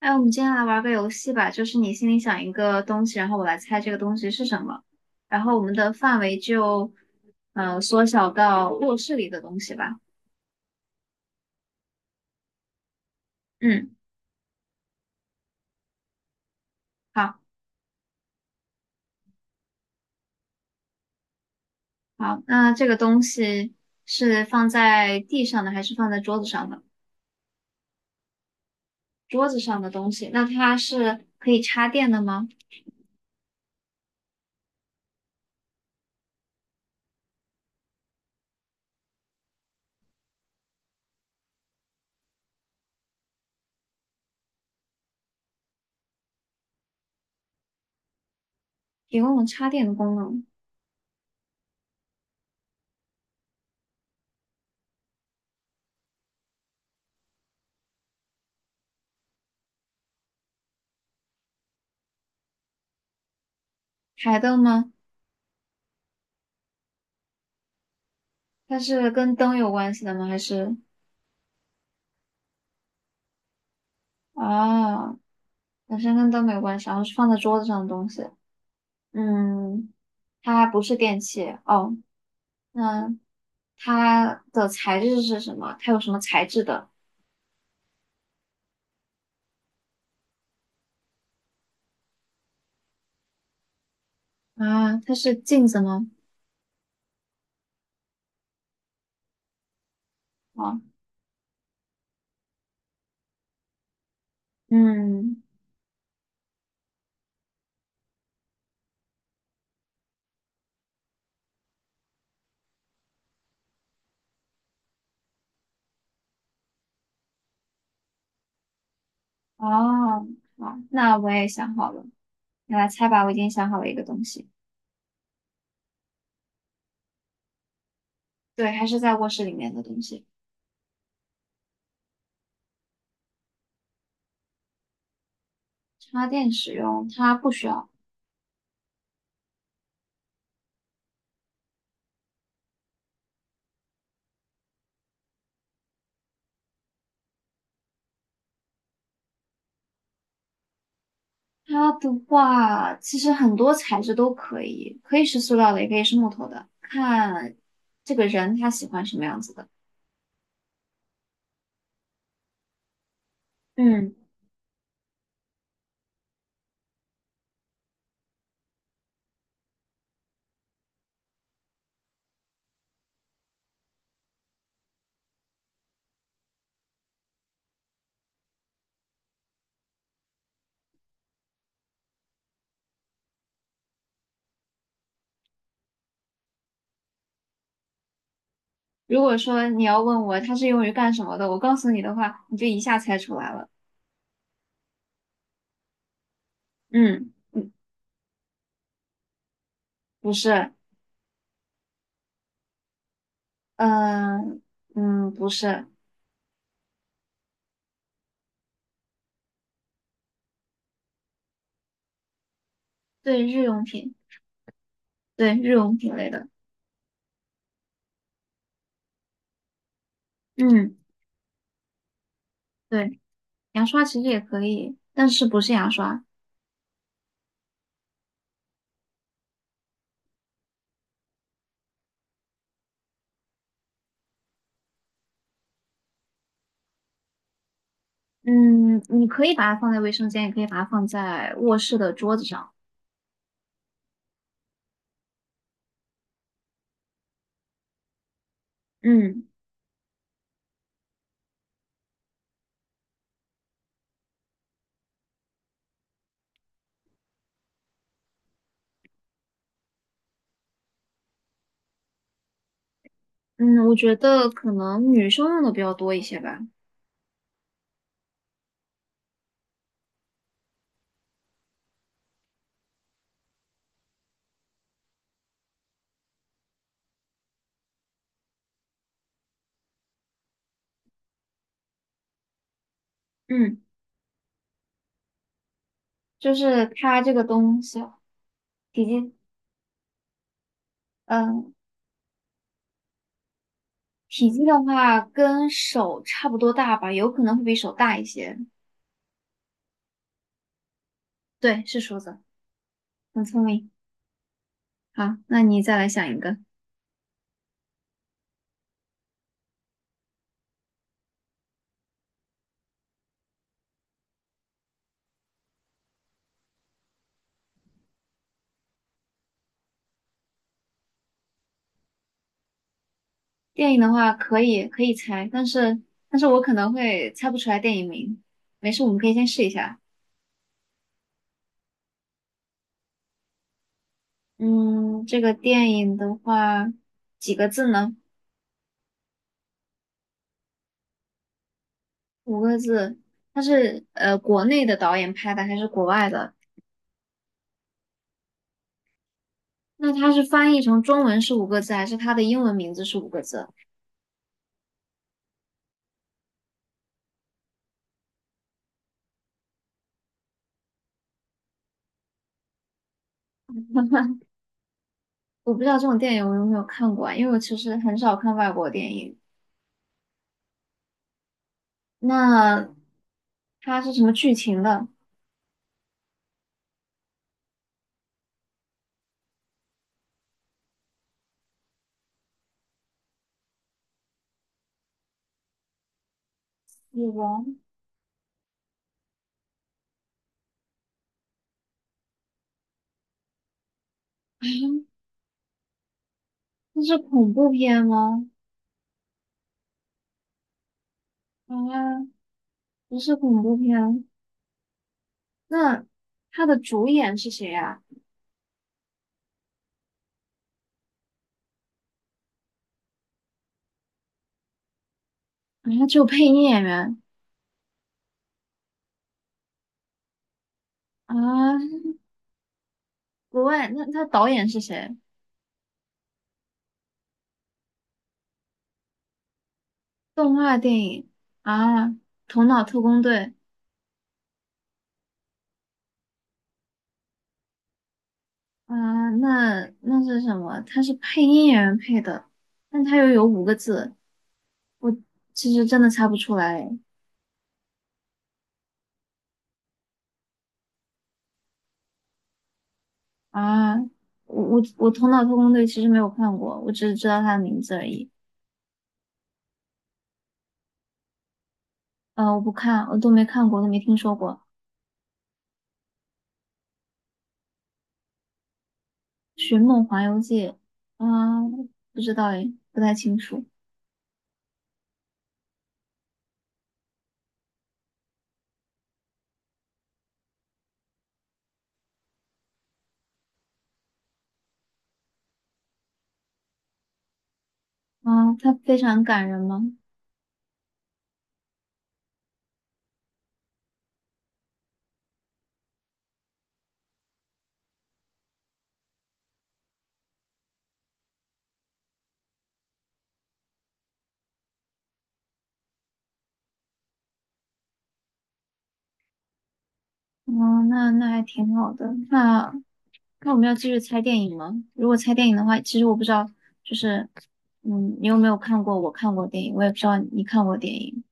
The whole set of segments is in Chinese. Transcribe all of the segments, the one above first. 哎，我们今天来玩个游戏吧，就是你心里想一个东西，然后我来猜这个东西是什么，然后我们的范围就，缩小到卧室里的东西吧。嗯，好，好，那这个东西是放在地上的还是放在桌子上的？桌子上的东西，那它是可以插电的吗？提供了插电的功能。台灯吗？它是跟灯有关系的吗？还是啊，本身跟灯没有关系，然后是放在桌子上的东西。嗯，它不是电器哦。那它的材质是什么？它有什么材质的？啊，它是镜子吗？哦，嗯，哦，好，那我也想好了，你来猜吧。我已经想好了一个东西，对，还是在卧室里面的东西。插电使用它不需要。它的话，其实很多材质都可以，可以是塑料的，也可以是木头的，看这个人他喜欢什么样子的。嗯。如果说你要问我它是用于干什么的，我告诉你的话，你就一下猜出来了。嗯嗯，不是，嗯、嗯，不是，对，日用品，对，日用品类的。嗯，对，牙刷其实也可以，但是不是牙刷。嗯，你可以把它放在卫生间，也可以把它放在卧室的桌子上。嗯嗯，我觉得可能女生用的比较多一些吧。嗯，就是它这个东西，体积。嗯，体积的话跟手差不多大吧，有可能会比手大一些。对，是梳子，很聪明。好，那你再来想一个。电影的话可以可以猜，但是我可能会猜不出来电影名。没事，我们可以先试一下。嗯，这个电影的话几个字呢？五个字。它是国内的导演拍的还是国外的？那它是翻译成中文是五个字，还是它的英文名字是五个字？我不知道这种电影我有没有看过啊，因为我其实很少看外国电影。那它是什么剧情的？死王？那是恐怖片吗？啊，不是恐怖片。那它的主演是谁呀、啊？啊，只有配音演员啊。国外，那他导演是谁？动画电影啊，《头脑特工队》啊，那那是什么？他是配音演员配的，但他又有五个字，我其实真的猜不出来。啊，我《头脑特工队》其实没有看过，我只是知道它的名字而已。呃，我不看，我都没看过，都没听说过。《寻梦环游记》啊，不知道诶，不太清楚。啊，它非常感人吗？哦，那那还挺好的。那那我们要继续猜电影吗？如果猜电影的话，其实我不知道，就是嗯，你有没有看过我看过电影？我也不知道你看过电影，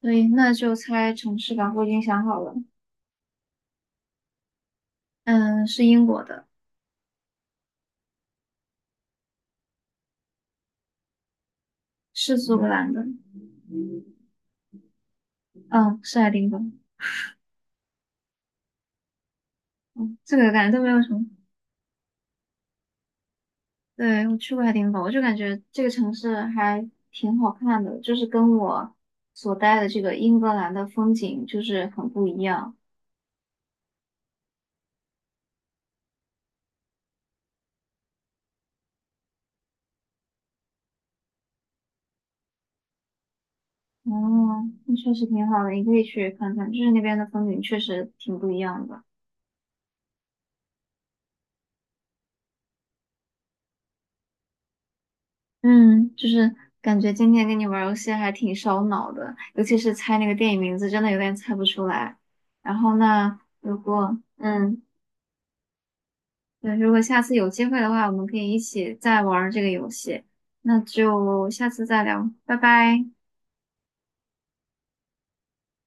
对，那就猜城市吧。我已经想好了，嗯，是英国的，是苏格兰的。嗯，是爱丁堡。嗯，这个感觉都没有什么。对，我去过爱丁堡，我就感觉这个城市还挺好看的，就是跟我所待的这个英格兰的风景就是很不一样。哦，那确实挺好的，你可以去看看，就是那边的风景确实挺不一样的。嗯，就是感觉今天跟你玩儿游戏还挺烧脑的，尤其是猜那个电影名字，真的有点猜不出来。然后呢，如果嗯。对，如果下次有机会的话，我们可以一起再玩儿这个游戏。那就下次再聊，拜拜。